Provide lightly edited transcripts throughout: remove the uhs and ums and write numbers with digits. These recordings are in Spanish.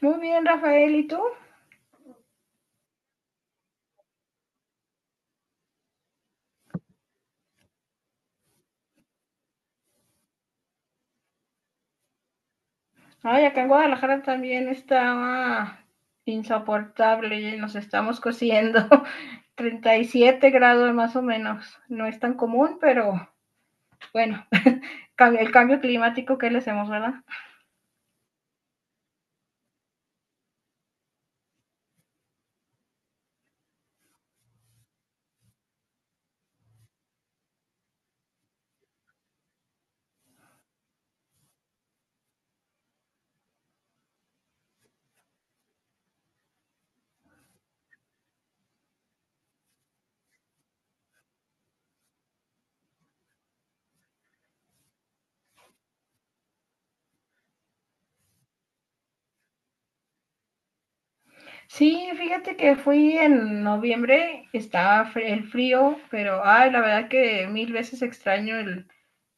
Muy bien, Rafael, ¿y tú? Ay, acá en Guadalajara también estaba insoportable, nos estamos cociendo 37 grados más o menos. No es tan común, pero bueno, el cambio climático que le hacemos, ¿verdad? Sí, fíjate que fui en noviembre, estaba el frío, pero ay, la verdad que mil veces extraño el,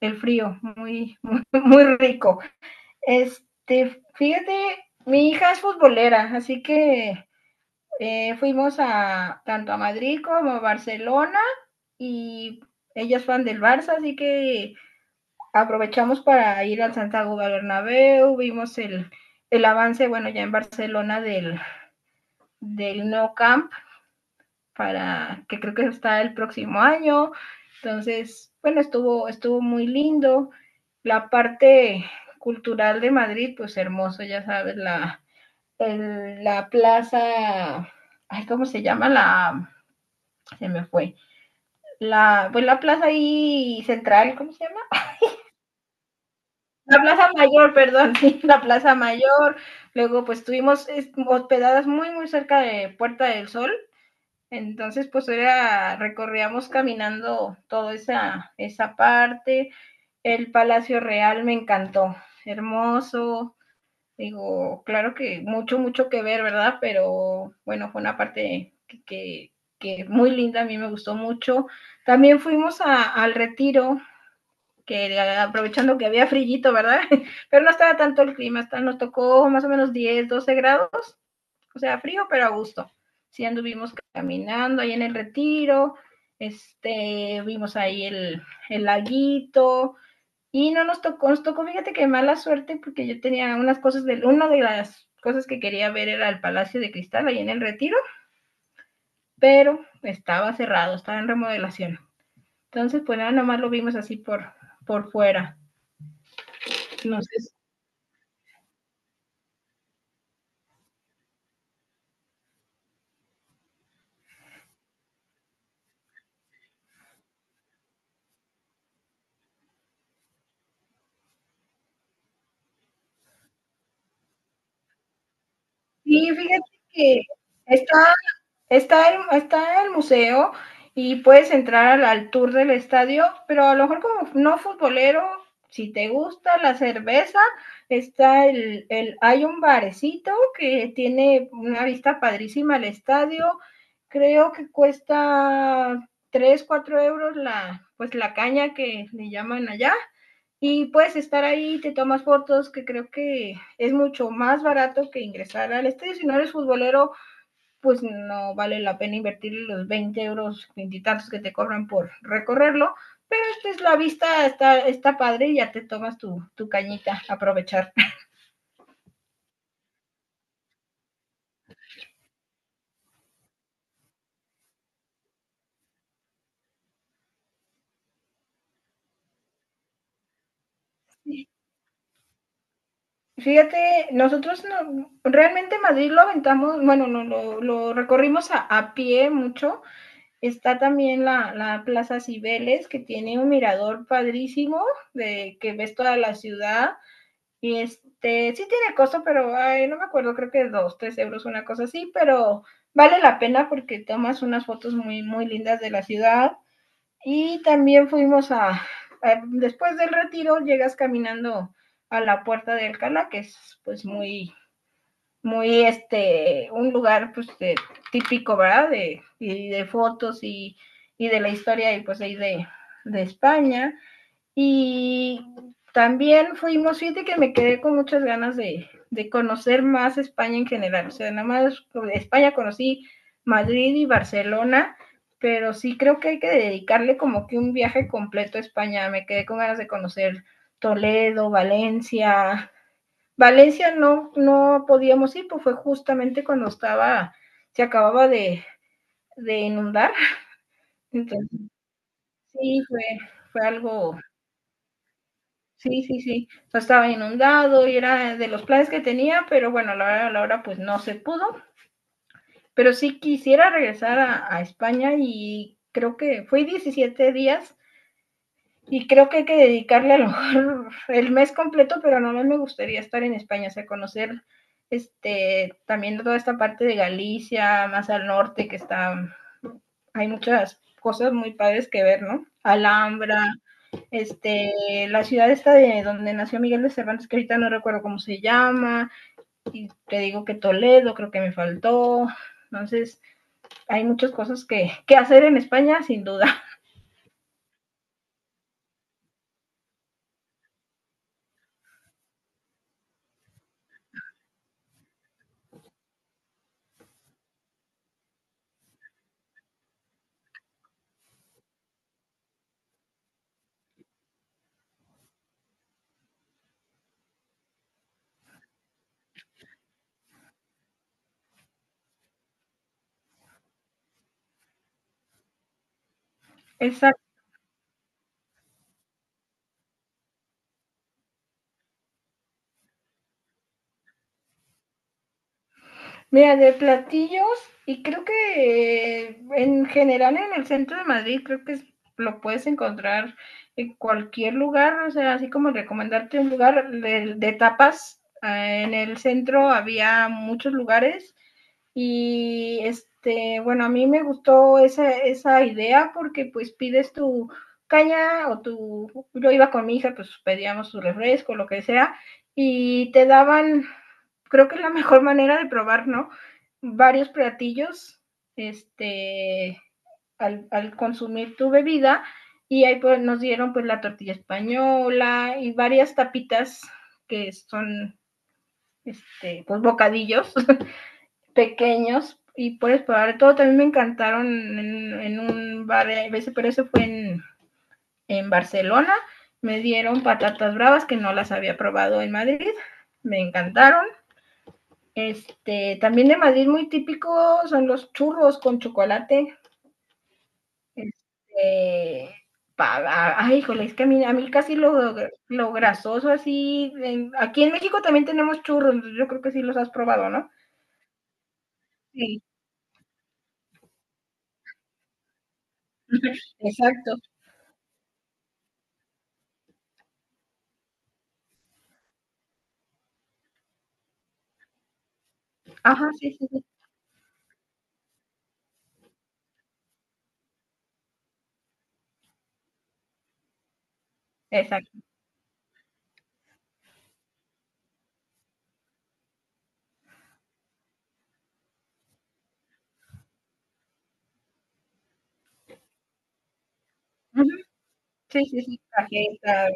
el frío, muy, muy, muy rico. Fíjate, mi hija es futbolera, así que fuimos a tanto a Madrid como a Barcelona, y ellas van del Barça, así que aprovechamos para ir al Santiago Bernabéu. Vimos el avance, bueno, ya en Barcelona del No Camp, para que creo que está el próximo año. Entonces, bueno, estuvo muy lindo. La parte cultural de Madrid, pues hermoso, ya sabes, la plaza, ay, ¿cómo se llama? La, se me fue, la, pues la plaza ahí central, ¿cómo se llama? La Plaza Mayor, perdón, sí, la Plaza Mayor. Luego pues estuvimos hospedadas muy, muy cerca de Puerta del Sol. Entonces pues era, recorríamos caminando toda esa parte. El Palacio Real me encantó, hermoso. Digo, claro que mucho, mucho que ver, ¿verdad? Pero bueno, fue una parte que muy linda, a mí me gustó mucho. También fuimos al Retiro, que aprovechando que había frillito, ¿verdad? Pero no estaba tanto el clima, hasta nos tocó más o menos 10, 12 grados, o sea, frío, pero a gusto. Sí anduvimos caminando ahí en el Retiro, vimos ahí el laguito, y no nos tocó, fíjate que mala suerte, porque yo tenía unas cosas una de las cosas que quería ver era el Palacio de Cristal ahí en el Retiro, pero estaba cerrado, estaba en remodelación. Entonces, pues nada, nomás lo vimos así por fuera. No sé si. Sí, fíjate que está, está el museo y puedes entrar al tour del estadio, pero a lo mejor como no futbolero, si te gusta la cerveza, está el hay un barecito que tiene una vista padrísima al estadio. Creo que cuesta 3 4 euros la, pues la caña que le llaman allá. Y puedes estar ahí, te tomas fotos, que creo que es mucho más barato que ingresar al estadio. Si no eres futbolero, pues no vale la pena invertir los 20 euros, 20 y tantos que te cobran por recorrerlo. Pero esta es la vista, está padre, y ya te tomas tu cañita, aprovechar. Fíjate, nosotros no, realmente Madrid lo aventamos, bueno, no, lo recorrimos a pie mucho. Está también la Plaza Cibeles, que tiene un mirador padrísimo, de que ves toda la ciudad. Y sí tiene costo, pero ay, no me acuerdo, creo que dos, tres euros, una cosa así, pero vale la pena porque tomas unas fotos muy, muy lindas de la ciudad. Y también fuimos después del Retiro, llegas caminando a la Puerta de Alcalá, que es pues muy, muy un lugar pues típico, ¿verdad? De, y de fotos y de la historia y pues ahí de España. Y también fuimos, fíjate que me quedé con muchas ganas de conocer más España en general. O sea, nada más pues, España conocí Madrid y Barcelona, pero sí creo que hay que dedicarle como que un viaje completo a España. Me quedé con ganas de conocer Toledo, Valencia. Valencia no, no podíamos ir, pues fue justamente cuando estaba, se acababa de inundar. Entonces, sí, fue algo, sí, sí, sí. O sea, estaba inundado y era de los planes que tenía, pero bueno, a la hora pues no se pudo. Pero sí quisiera regresar a España y creo que fue 17 días, y creo que hay que dedicarle a lo mejor el mes completo, pero no me gustaría estar en España, o sea, conocer también toda esta parte de Galicia, más al norte, que está, hay muchas cosas muy padres que ver, ¿no? Alhambra, este, la ciudad esta de donde nació Miguel de Cervantes, que ahorita no recuerdo cómo se llama, y te digo que Toledo creo que me faltó. Entonces hay muchas cosas que hacer en España, sin duda. Esa. Mira, de platillos, y creo que en general en el centro de Madrid, creo que lo puedes encontrar en cualquier lugar, o sea, así como recomendarte un lugar de tapas. Eh, en el centro había muchos lugares y bueno, a mí me gustó esa idea porque pues pides tu caña o yo iba con mi hija, pues pedíamos su refresco, lo que sea, y te daban, creo que es la mejor manera de probar, ¿no? Varios platillos, este, al consumir tu bebida, y ahí pues nos dieron pues la tortilla española y varias tapitas que son, pues bocadillos pequeños, y puedes probar todo. También me encantaron en un bar, pero eso fue en Barcelona. Me dieron patatas bravas que no las había probado en Madrid. Me encantaron. También de Madrid muy típico son los churros con chocolate. Este, pa, ay, híjole, es que a mí casi lo grasoso así. En aquí en México también tenemos churros, yo creo que sí los has probado, ¿no? Sí, exacto. Ajá, sí, sí, sí, exacto. Ujú. Sí, sí, sí, tarjeta.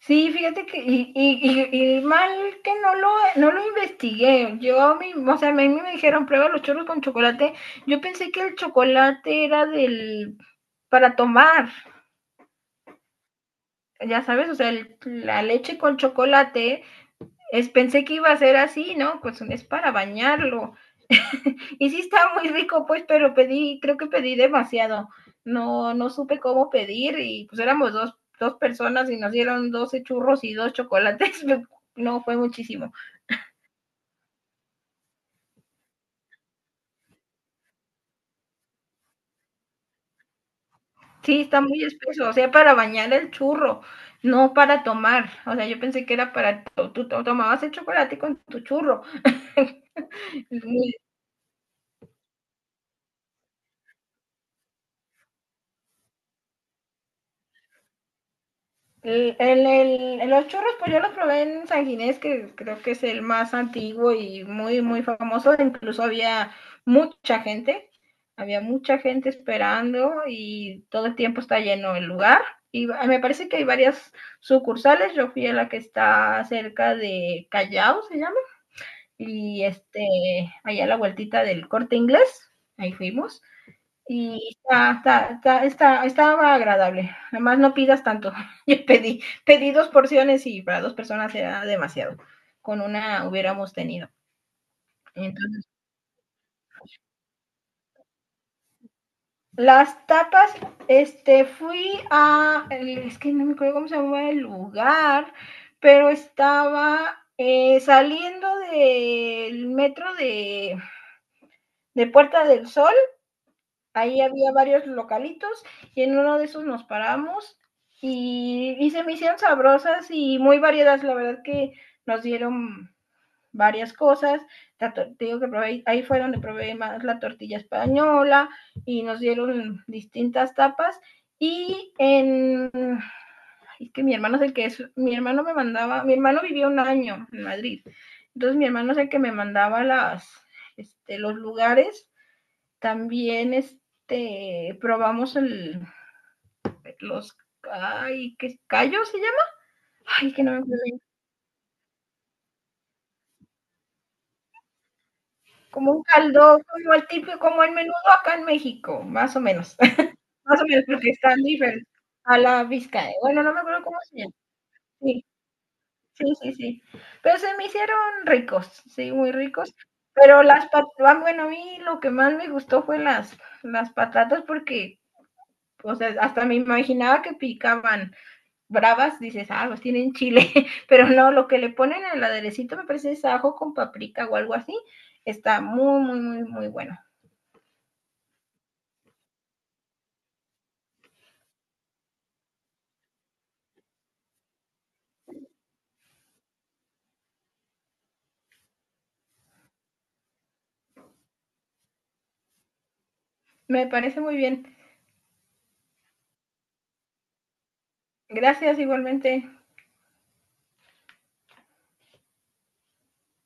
Sí, fíjate que, y mal que no lo investigué. Yo, mi, o sea, a mí me dijeron, prueba los churros con chocolate. Yo pensé que el chocolate era del, para tomar, ya sabes, o sea, la leche con chocolate, es, pensé que iba a ser así, ¿no? Pues es para bañarlo. Y sí está muy rico, pues, pero pedí, creo que pedí demasiado. No, no supe cómo pedir y pues éramos dos personas, y nos dieron 12 churros y dos chocolates. No, fue muchísimo. Sí, está muy espeso, o sea, para bañar el churro, no para tomar. O sea, yo pensé que era para, tú tomabas el chocolate con tu churro. Muy. El, el, los churros, pues yo los probé en San Ginés, que creo que es el más antiguo y muy, muy famoso. Incluso mucha gente, había mucha gente esperando y todo el tiempo está lleno el lugar. Y me parece que hay varias sucursales. Yo fui a la que está cerca de Callao, se llama, y allá a la vueltita del Corte Inglés, ahí fuimos. Y estaba agradable. Además, no pidas tanto. Yo pedí, pedí dos porciones y para dos personas era demasiado. Con una hubiéramos tenido. Entonces, las tapas, fui a, es que no me acuerdo cómo se llama el lugar, pero estaba saliendo del metro de Puerta del Sol. Ahí había varios localitos y en uno de esos nos paramos, y se me hicieron sabrosas y muy variadas. La verdad que nos dieron varias cosas. Te digo que probé, ahí fue donde probé más la tortilla española, y nos dieron distintas tapas. Y en, es que mi hermano es el que es, mi hermano me mandaba, mi hermano vivía un año en Madrid. Entonces mi hermano es el que me mandaba las los lugares. También probamos el, los, ay, ¿qué callo se llama? Ay, que no me acuerdo. Como un caldo, como el típico, como el menudo acá en México, más o menos. Más o menos, porque están diferentes a la vizca. Bueno, no me acuerdo cómo se llama. Sí, sí, sí, sí. Pero se me hicieron ricos, sí, muy ricos. Pero las patatas, bueno, a mí lo que más me gustó fue las patatas porque, o sea, hasta me imaginaba que picaban bravas, dices, ah, pues tienen chile, pero no, lo que le ponen al aderecito me parece es ajo con paprika o algo así. Está muy, muy, muy, muy bueno. Me parece muy bien. Gracias igualmente.